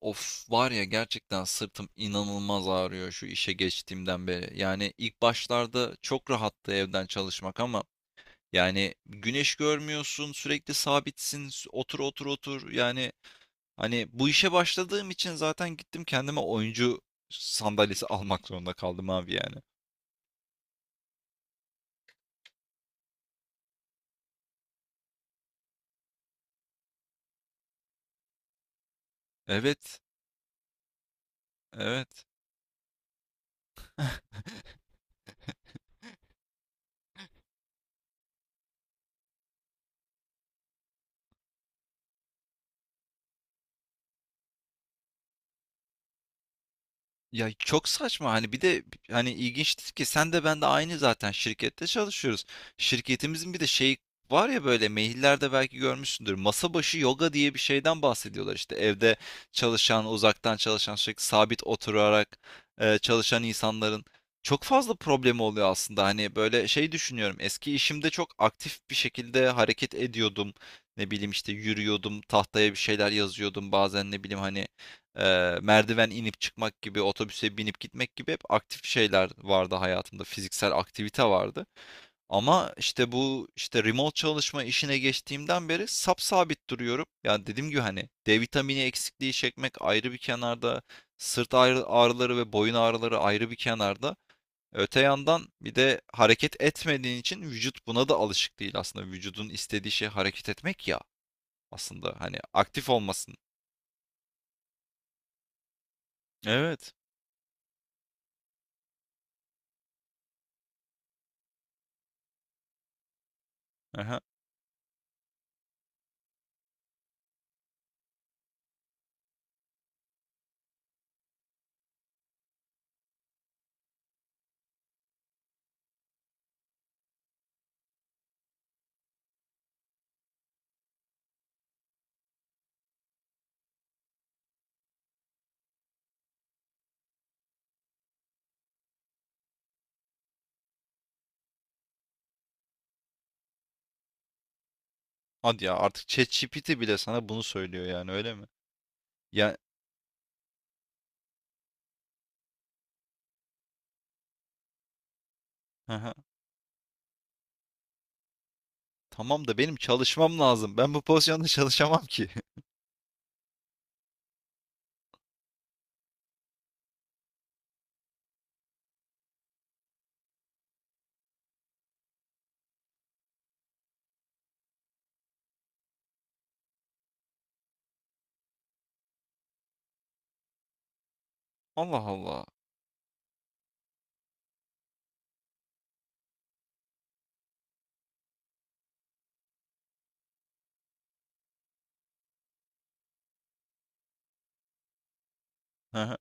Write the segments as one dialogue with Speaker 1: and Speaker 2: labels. Speaker 1: Of var ya gerçekten sırtım inanılmaz ağrıyor şu işe geçtiğimden beri. Yani ilk başlarda çok rahattı evden çalışmak ama yani güneş görmüyorsun, sürekli sabitsin, otur otur otur. Yani hani bu işe başladığım için zaten gittim kendime oyuncu sandalyesi almak zorunda kaldım abi yani. Evet, evet. Ya çok saçma hani bir de hani ilginçtir ki sen de ben de aynı zaten şirkette çalışıyoruz. Şirketimizin bir de şey var ya böyle maillerde belki görmüşsündür. Masa başı yoga diye bir şeyden bahsediyorlar işte evde çalışan, uzaktan çalışan, sürekli sabit oturarak çalışan insanların çok fazla problemi oluyor aslında. Hani böyle şey düşünüyorum. Eski işimde çok aktif bir şekilde hareket ediyordum. Ne bileyim işte yürüyordum, tahtaya bir şeyler yazıyordum. Bazen ne bileyim hani merdiven inip çıkmak gibi, otobüse binip gitmek gibi hep aktif şeyler vardı hayatımda. Fiziksel aktivite vardı. Ama işte bu işte remote çalışma işine geçtiğimden beri sapsabit duruyorum. Yani dediğim gibi hani D vitamini eksikliği çekmek ayrı bir kenarda, sırt ağrıları ve boyun ağrıları ayrı bir kenarda. Öte yandan bir de hareket etmediğin için vücut buna da alışık değil aslında. Vücudun istediği şey hareket etmek ya aslında hani aktif olmasın. Evet. Aha. Hadi ya artık ChatGPT bile sana bunu söylüyor yani öyle mi? Ya. Aha. Tamam da benim çalışmam lazım. Ben bu pozisyonda çalışamam ki. Allah Allah. Aha.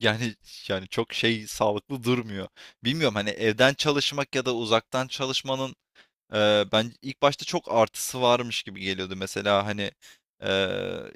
Speaker 1: Yani yani çok şey sağlıklı durmuyor. Bilmiyorum hani evden çalışmak ya da uzaktan çalışmanın ben ilk başta çok artısı varmış gibi geliyordu. Mesela hani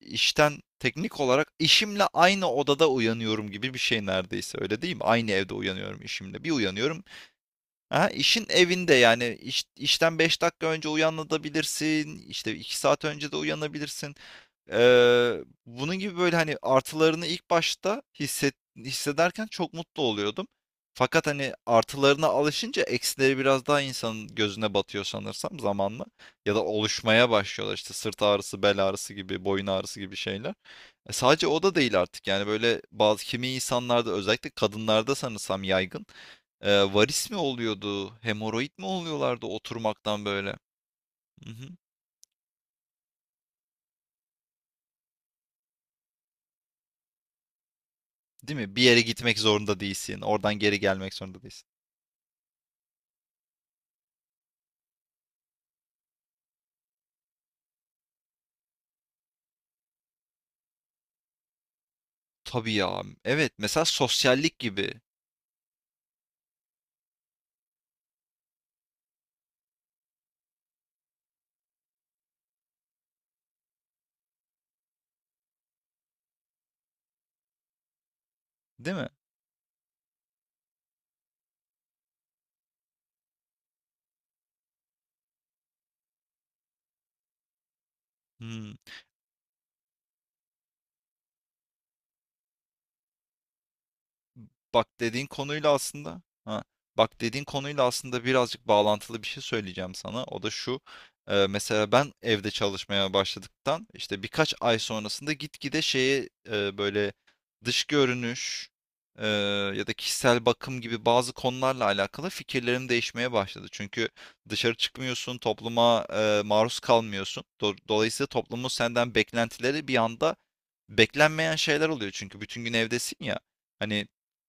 Speaker 1: işten teknik olarak işimle aynı odada uyanıyorum gibi bir şey neredeyse öyle değil mi? Aynı evde uyanıyorum işimle. Bir uyanıyorum. Ha, işin evinde yani işten 5 dakika önce uyanabilirsin işte 2 saat önce de uyanabilirsin. Ee, Bunun gibi böyle hani artılarını ilk başta hissederken çok mutlu oluyordum, fakat hani artılarına alışınca eksileri biraz daha insanın gözüne batıyor sanırsam zamanla ya da oluşmaya başlıyorlar işte sırt ağrısı, bel ağrısı gibi, boyun ağrısı gibi şeyler. Sadece o da değil artık yani, böyle bazı kimi insanlarda özellikle kadınlarda sanırsam yaygın. Varis mi oluyordu? Hemoroid mi oluyorlardı oturmaktan böyle? Hı hı. Değil mi? Bir yere gitmek zorunda değilsin. Oradan geri gelmek zorunda değilsin. Tabii ya. Evet. Mesela sosyallik gibi. Değil mi? Hmm. bak dediğin konuyla aslında ha, Bak dediğin konuyla aslında birazcık bağlantılı bir şey söyleyeceğim sana. O da şu. Mesela ben evde çalışmaya başladıktan işte birkaç ay sonrasında gitgide şeye, böyle dış görünüş e, ya da kişisel bakım gibi bazı konularla alakalı fikirlerim değişmeye başladı. Çünkü dışarı çıkmıyorsun, topluma maruz kalmıyorsun. Dolayısıyla toplumun senden beklentileri bir anda beklenmeyen şeyler oluyor. Çünkü bütün gün evdesin ya. Hani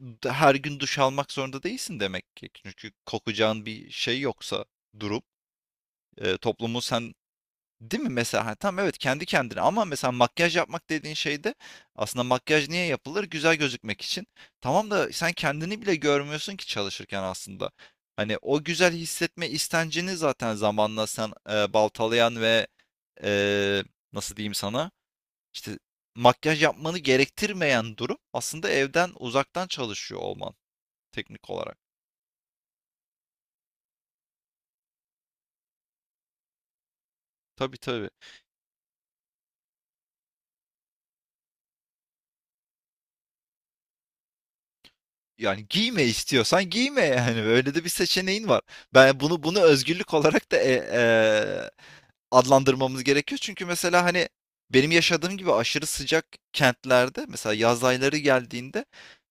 Speaker 1: her gün duş almak zorunda değilsin demek ki. Çünkü kokacağın bir şey yoksa durum, toplumu sen, değil mi mesela? Ha, tamam, evet kendi kendine, ama mesela makyaj yapmak dediğin şey de aslında, makyaj niye yapılır? Güzel gözükmek için. Tamam da sen kendini bile görmüyorsun ki çalışırken aslında. Hani o güzel hissetme istencini zaten zamanla sen baltalayan ve e, nasıl diyeyim sana, işte makyaj yapmanı gerektirmeyen durum aslında evden uzaktan çalışıyor olman teknik olarak. Tabii tabii. Yani giyme istiyorsan giyme yani. Öyle de bir seçeneğin var. Ben bunu özgürlük olarak da adlandırmamız gerekiyor. Çünkü mesela hani benim yaşadığım gibi aşırı sıcak kentlerde, mesela yaz ayları geldiğinde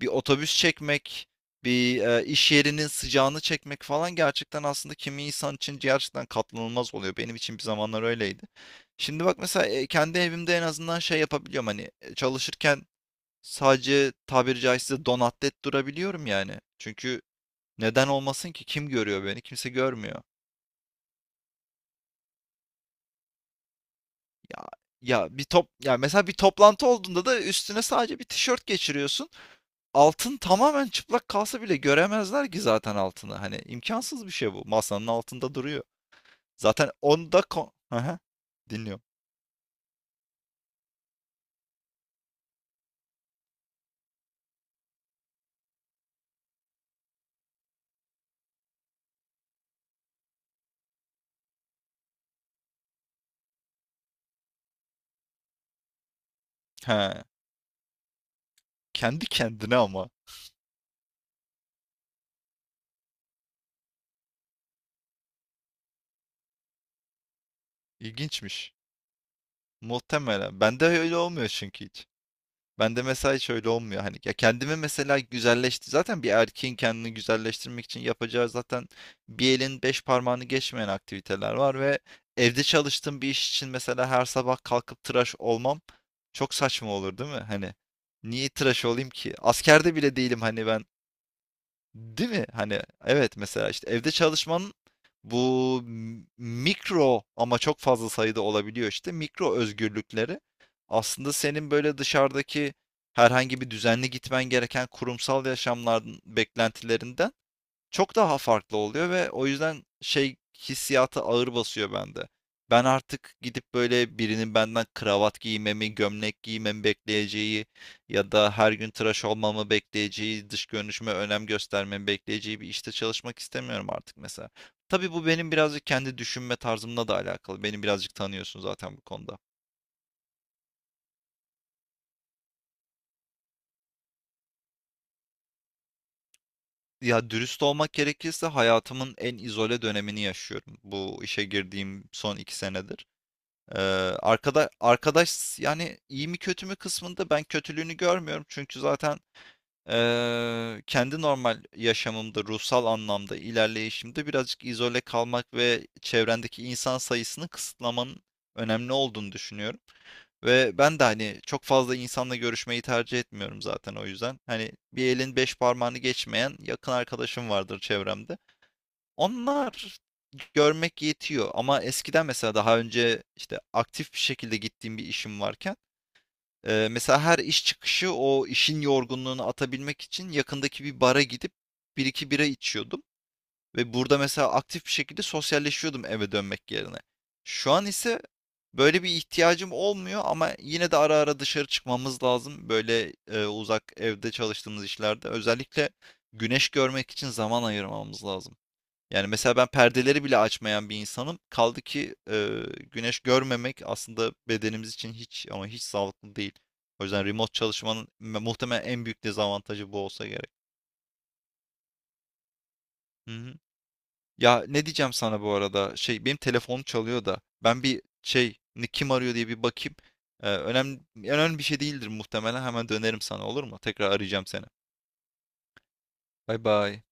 Speaker 1: bir otobüs çekmek, bir iş yerinin sıcağını çekmek falan gerçekten aslında kimi insan için gerçekten katlanılmaz oluyor. Benim için bir zamanlar öyleydi. Şimdi bak mesela kendi evimde en azından şey yapabiliyorum hani çalışırken. Sadece tabiri caizse donatlet durabiliyorum yani. Çünkü neden olmasın ki? Kim görüyor beni? Kimse görmüyor. Ya ya bir top ya mesela bir toplantı olduğunda da üstüne sadece bir tişört geçiriyorsun. Altın tamamen çıplak kalsa bile göremezler ki zaten altını. Hani imkansız bir şey bu. Masanın altında duruyor. Zaten onda ko Aha, dinliyorum. He. Kendi kendine ama. İlginçmiş. Muhtemelen. Bende öyle olmuyor çünkü hiç. Bende mesela hiç öyle olmuyor hani. Ya kendimi mesela güzelleşti. Zaten bir erkeğin kendini güzelleştirmek için yapacağı zaten bir elin beş parmağını geçmeyen aktiviteler var ve evde çalıştığım bir iş için mesela her sabah kalkıp tıraş olmam çok saçma olur değil mi? Hani niye tıraş olayım ki? Askerde bile değilim hani ben. Değil mi? Hani evet mesela işte evde çalışmanın, bu mikro ama çok fazla sayıda olabiliyor işte mikro özgürlükleri aslında senin böyle dışarıdaki herhangi bir düzenli gitmen gereken kurumsal yaşamların beklentilerinden çok daha farklı oluyor ve o yüzden şey hissiyatı ağır basıyor bende. Ben artık gidip böyle birinin benden kravat giymemi, gömlek giymemi bekleyeceği ya da her gün tıraş olmamı bekleyeceği, dış görünüşüme önem göstermemi bekleyeceği bir işte çalışmak istemiyorum artık mesela. Tabii bu benim birazcık kendi düşünme tarzımla da alakalı. Beni birazcık tanıyorsun zaten bu konuda. Ya dürüst olmak gerekirse hayatımın en izole dönemini yaşıyorum. Bu işe girdiğim son 2 senedir. Ee, arkadaş yani, iyi mi kötü mü kısmında ben kötülüğünü görmüyorum. Çünkü zaten kendi normal yaşamımda, ruhsal anlamda ilerleyişimde birazcık izole kalmak ve çevrendeki insan sayısını kısıtlamanın önemli olduğunu düşünüyorum. Ve ben de hani çok fazla insanla görüşmeyi tercih etmiyorum zaten o yüzden. Hani bir elin beş parmağını geçmeyen yakın arkadaşım vardır çevremde. Onlar görmek yetiyor, ama eskiden mesela daha önce işte aktif bir şekilde gittiğim bir işim varken mesela her iş çıkışı o işin yorgunluğunu atabilmek için yakındaki bir bara gidip bir iki bira içiyordum ve burada mesela aktif bir şekilde sosyalleşiyordum eve dönmek yerine. Şu an ise böyle bir ihtiyacım olmuyor, ama yine de ara ara dışarı çıkmamız lazım, böyle uzak evde çalıştığımız işlerde özellikle güneş görmek için zaman ayırmamız lazım. Yani mesela ben perdeleri bile açmayan bir insanım. Kaldı ki güneş görmemek aslında bedenimiz için hiç ama hiç sağlıklı değil. O yüzden remote çalışmanın muhtemelen en büyük dezavantajı bu olsa gerek. Hı hı. Ya ne diyeceğim sana bu arada? Şey benim telefonum çalıyor da ben kim arıyor diye bir bakayım. Önemli önemli bir şey değildir muhtemelen. Hemen dönerim sana, olur mu? Tekrar arayacağım seni. Bay bay.